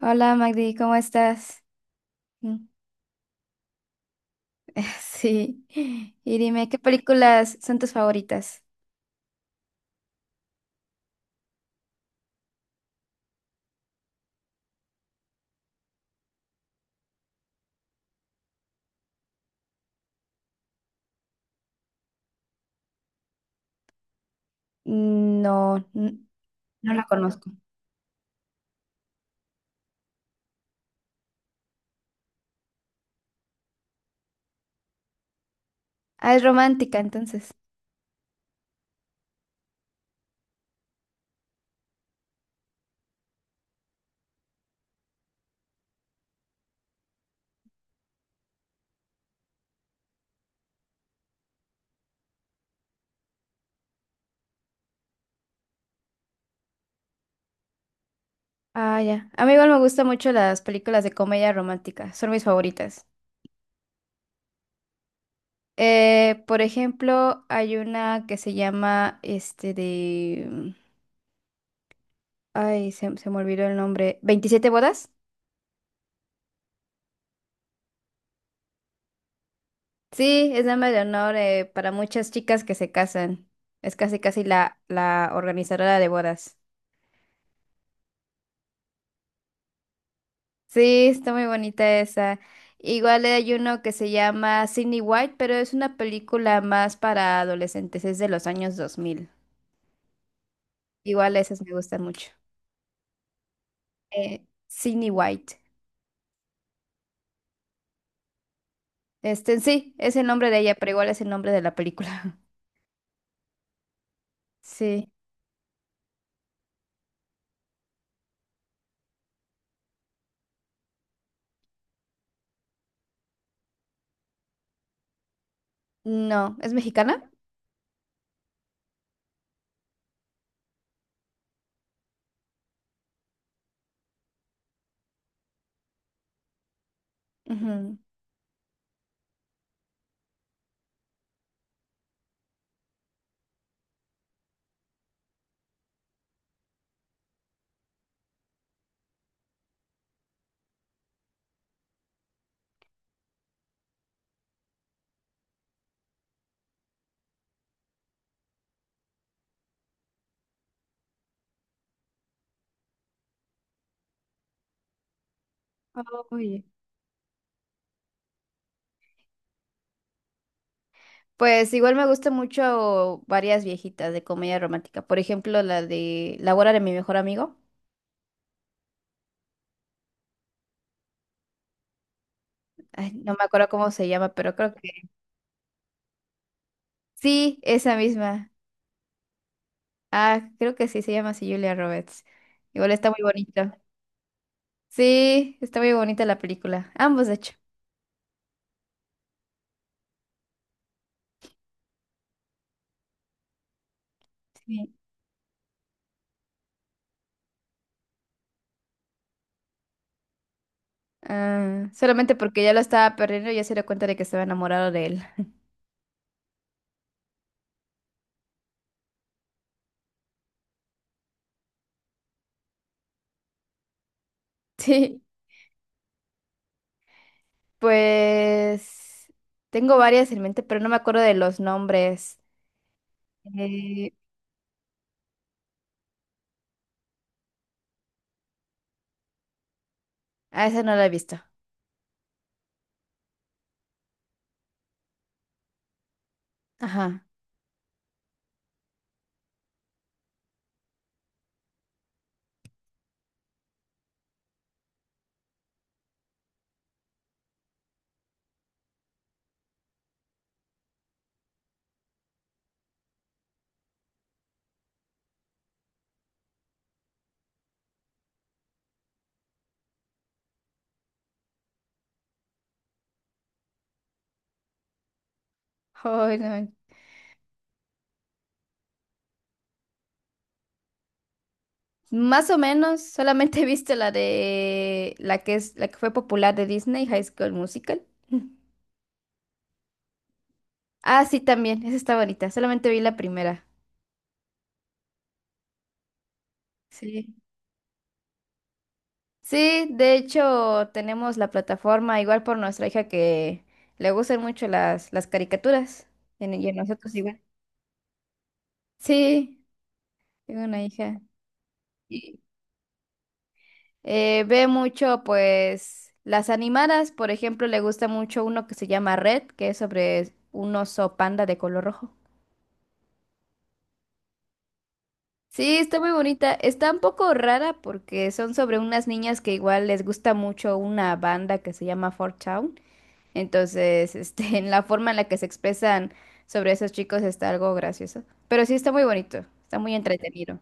Hola Magdi, ¿cómo estás? Mm. Sí. Y dime, ¿qué películas son tus favoritas? No, no la conozco. Ah, es romántica, entonces. Ah, ya. A mí igual me gustan mucho las películas de comedia romántica, son mis favoritas. Por ejemplo, hay una que se llama, este, ay, se me olvidó el nombre. ¿27 bodas? Sí, es dama de honor para muchas chicas que se casan. Es casi, casi la organizadora de bodas. Sí, está muy bonita esa. Igual hay uno que se llama Sydney White, pero es una película más para adolescentes, es de los años 2000. Igual esas me gustan mucho. Sydney White. Este, sí, es el nombre de ella, pero igual es el nombre de la película. Sí. No, ¿es mexicana? Ujú. Oye. Pues igual me gusta mucho varias viejitas de comedia romántica. Por ejemplo, la de La boda de mi mejor amigo. Ay, no me acuerdo cómo se llama, pero creo que sí, esa misma. Ah, creo que sí, se llama así Julia Roberts. Igual está muy bonito. Sí, está muy bonita la película. Ambos, de hecho. Sí. Ah, solamente porque ya lo estaba perdiendo, ya se dio cuenta de que estaba enamorado de él. Sí, pues tengo varias en mente, pero no me acuerdo de los nombres. Eh, ah, esa no la he visto. Ajá. Ay, no. Más o menos, solamente he visto la de la que es la que fue popular de Disney, High School Musical. Ah, sí, también, esa está bonita, solamente vi la primera. Sí. Sí, de hecho, tenemos la plataforma igual por nuestra hija que le gustan mucho las caricaturas, y a nosotros igual. Sí, tengo una hija. Y, ve mucho, pues, las animadas, por ejemplo, le gusta mucho uno que se llama Red, que es sobre un oso panda de color rojo. Sí, está muy bonita. Está un poco rara porque son sobre unas niñas que igual les gusta mucho una banda que se llama Fort Town. Entonces, este, en la forma en la que se expresan sobre esos chicos está algo gracioso. Pero sí está muy bonito, está muy entretenido.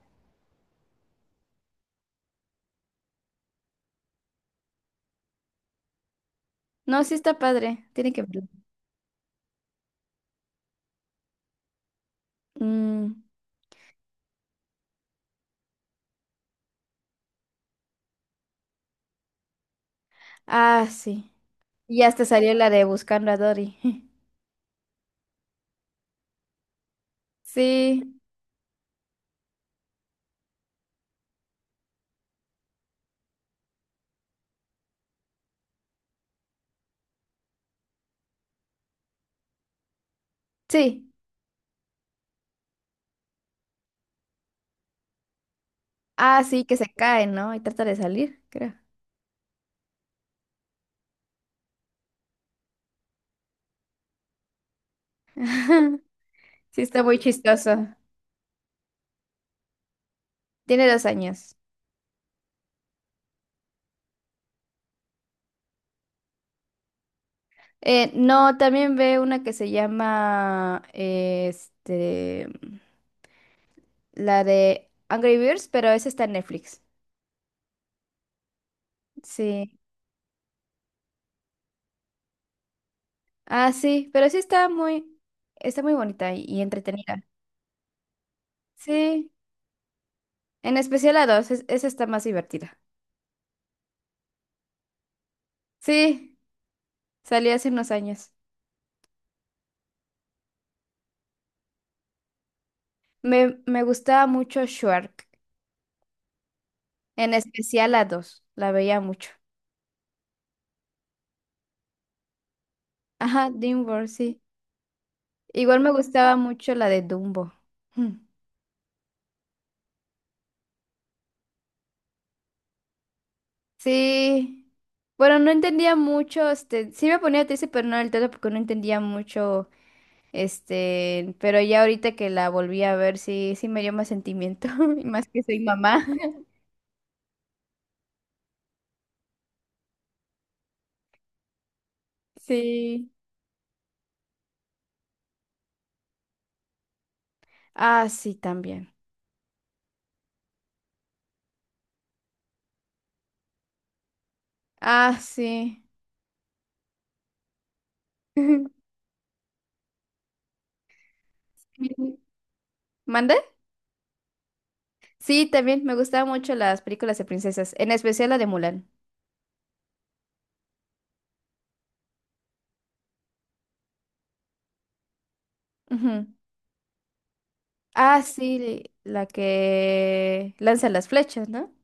No, sí está padre, tiene que verlo. Mm. Ah, sí. Y hasta salió la de Buscando a Dory. Sí, sí. Ah, sí, que se cae, ¿no? Y trata de salir, creo. Sí, está muy chistoso. Tiene 2 años. No, también ve una que se llama, este, la de Angry Birds, pero esa está en Netflix. Sí. Ah, sí, pero sí está muy bonita y entretenida. Sí, en especial la 2, esa está más divertida. Sí, salió hace unos años. Me gustaba mucho Shark, en especial la 2, la veía mucho. Ajá, DreamWorks, sí. Igual me gustaba mucho la de Dumbo. Hmm. Sí. Bueno, no entendía mucho, este, sí me ponía triste, pero no del todo porque no entendía mucho, este, pero ya ahorita que la volví a ver, sí, sí me dio más sentimiento, y más que soy mamá. Sí. Ah, sí, también. Ah, sí. ¿Mande? Sí, también me gustaban mucho las películas de princesas, en especial la de Mulan. Ujú. Ah, sí, la que lanza las flechas, ¿no?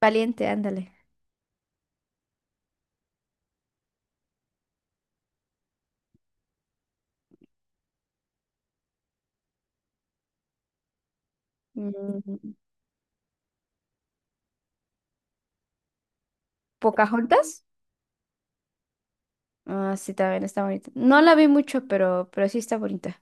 Valiente, ándale. Mm. ¿Pocahontas? Ah, sí, también está bonita. No la vi mucho, pero sí está bonita.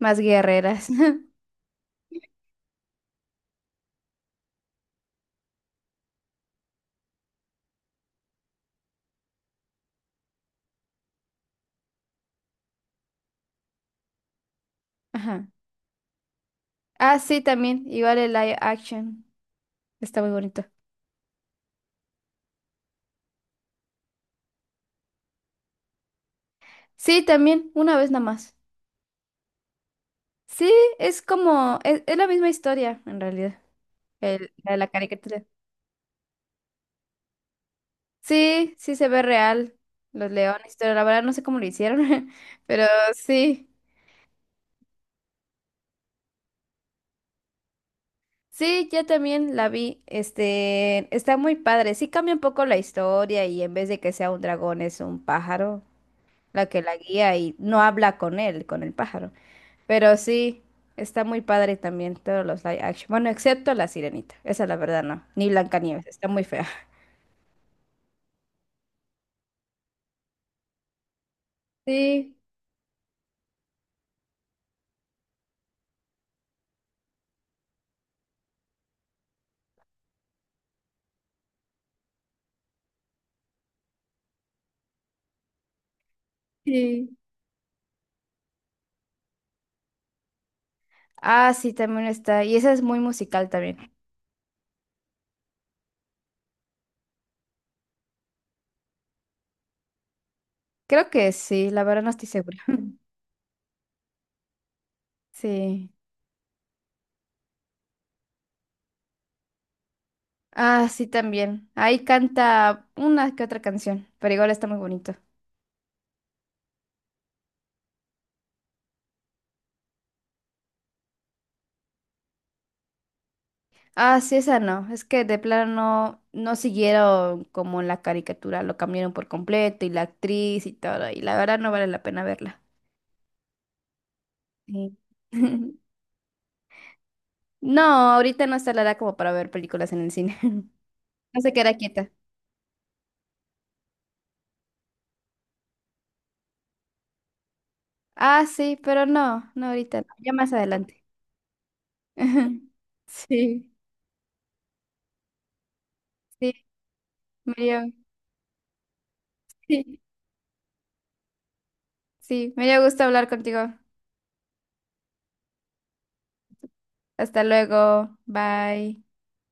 Más guerreras. Ajá. Ah, sí, también. Igual el live action. Está muy bonito. Sí, también. Una vez nada más. Sí, es como. Es la misma historia, en realidad. La de la caricatura. Sí, sí se ve real. Los leones, pero la verdad no sé cómo lo hicieron. Pero sí. Sí, yo también la vi. Este, está muy padre. Sí cambia un poco la historia y en vez de que sea un dragón es un pájaro la que la guía y no habla con él, con el pájaro. Pero sí, está muy padre también todos los live action. Bueno, excepto la Sirenita. Esa la verdad no. Ni Blancanieves, está muy fea. Sí, sí. Ah, sí, también está. Y esa es muy musical también. Creo que sí, la verdad no estoy segura. Sí. Ah, sí, también. Ahí canta una que otra canción, pero igual está muy bonito. Ah, sí, esa no. Es que de plano no, no siguieron como en la caricatura, lo cambiaron por completo y la actriz y todo, y la verdad no vale la pena verla. Sí. No, ahorita no está la edad como para ver películas en el cine. No se queda quieta. Ah, sí, pero no, no ahorita, no, ya más adelante. Sí, sí, me dio, sí, sí, me dio gusto hablar contigo. Hasta luego. Bye.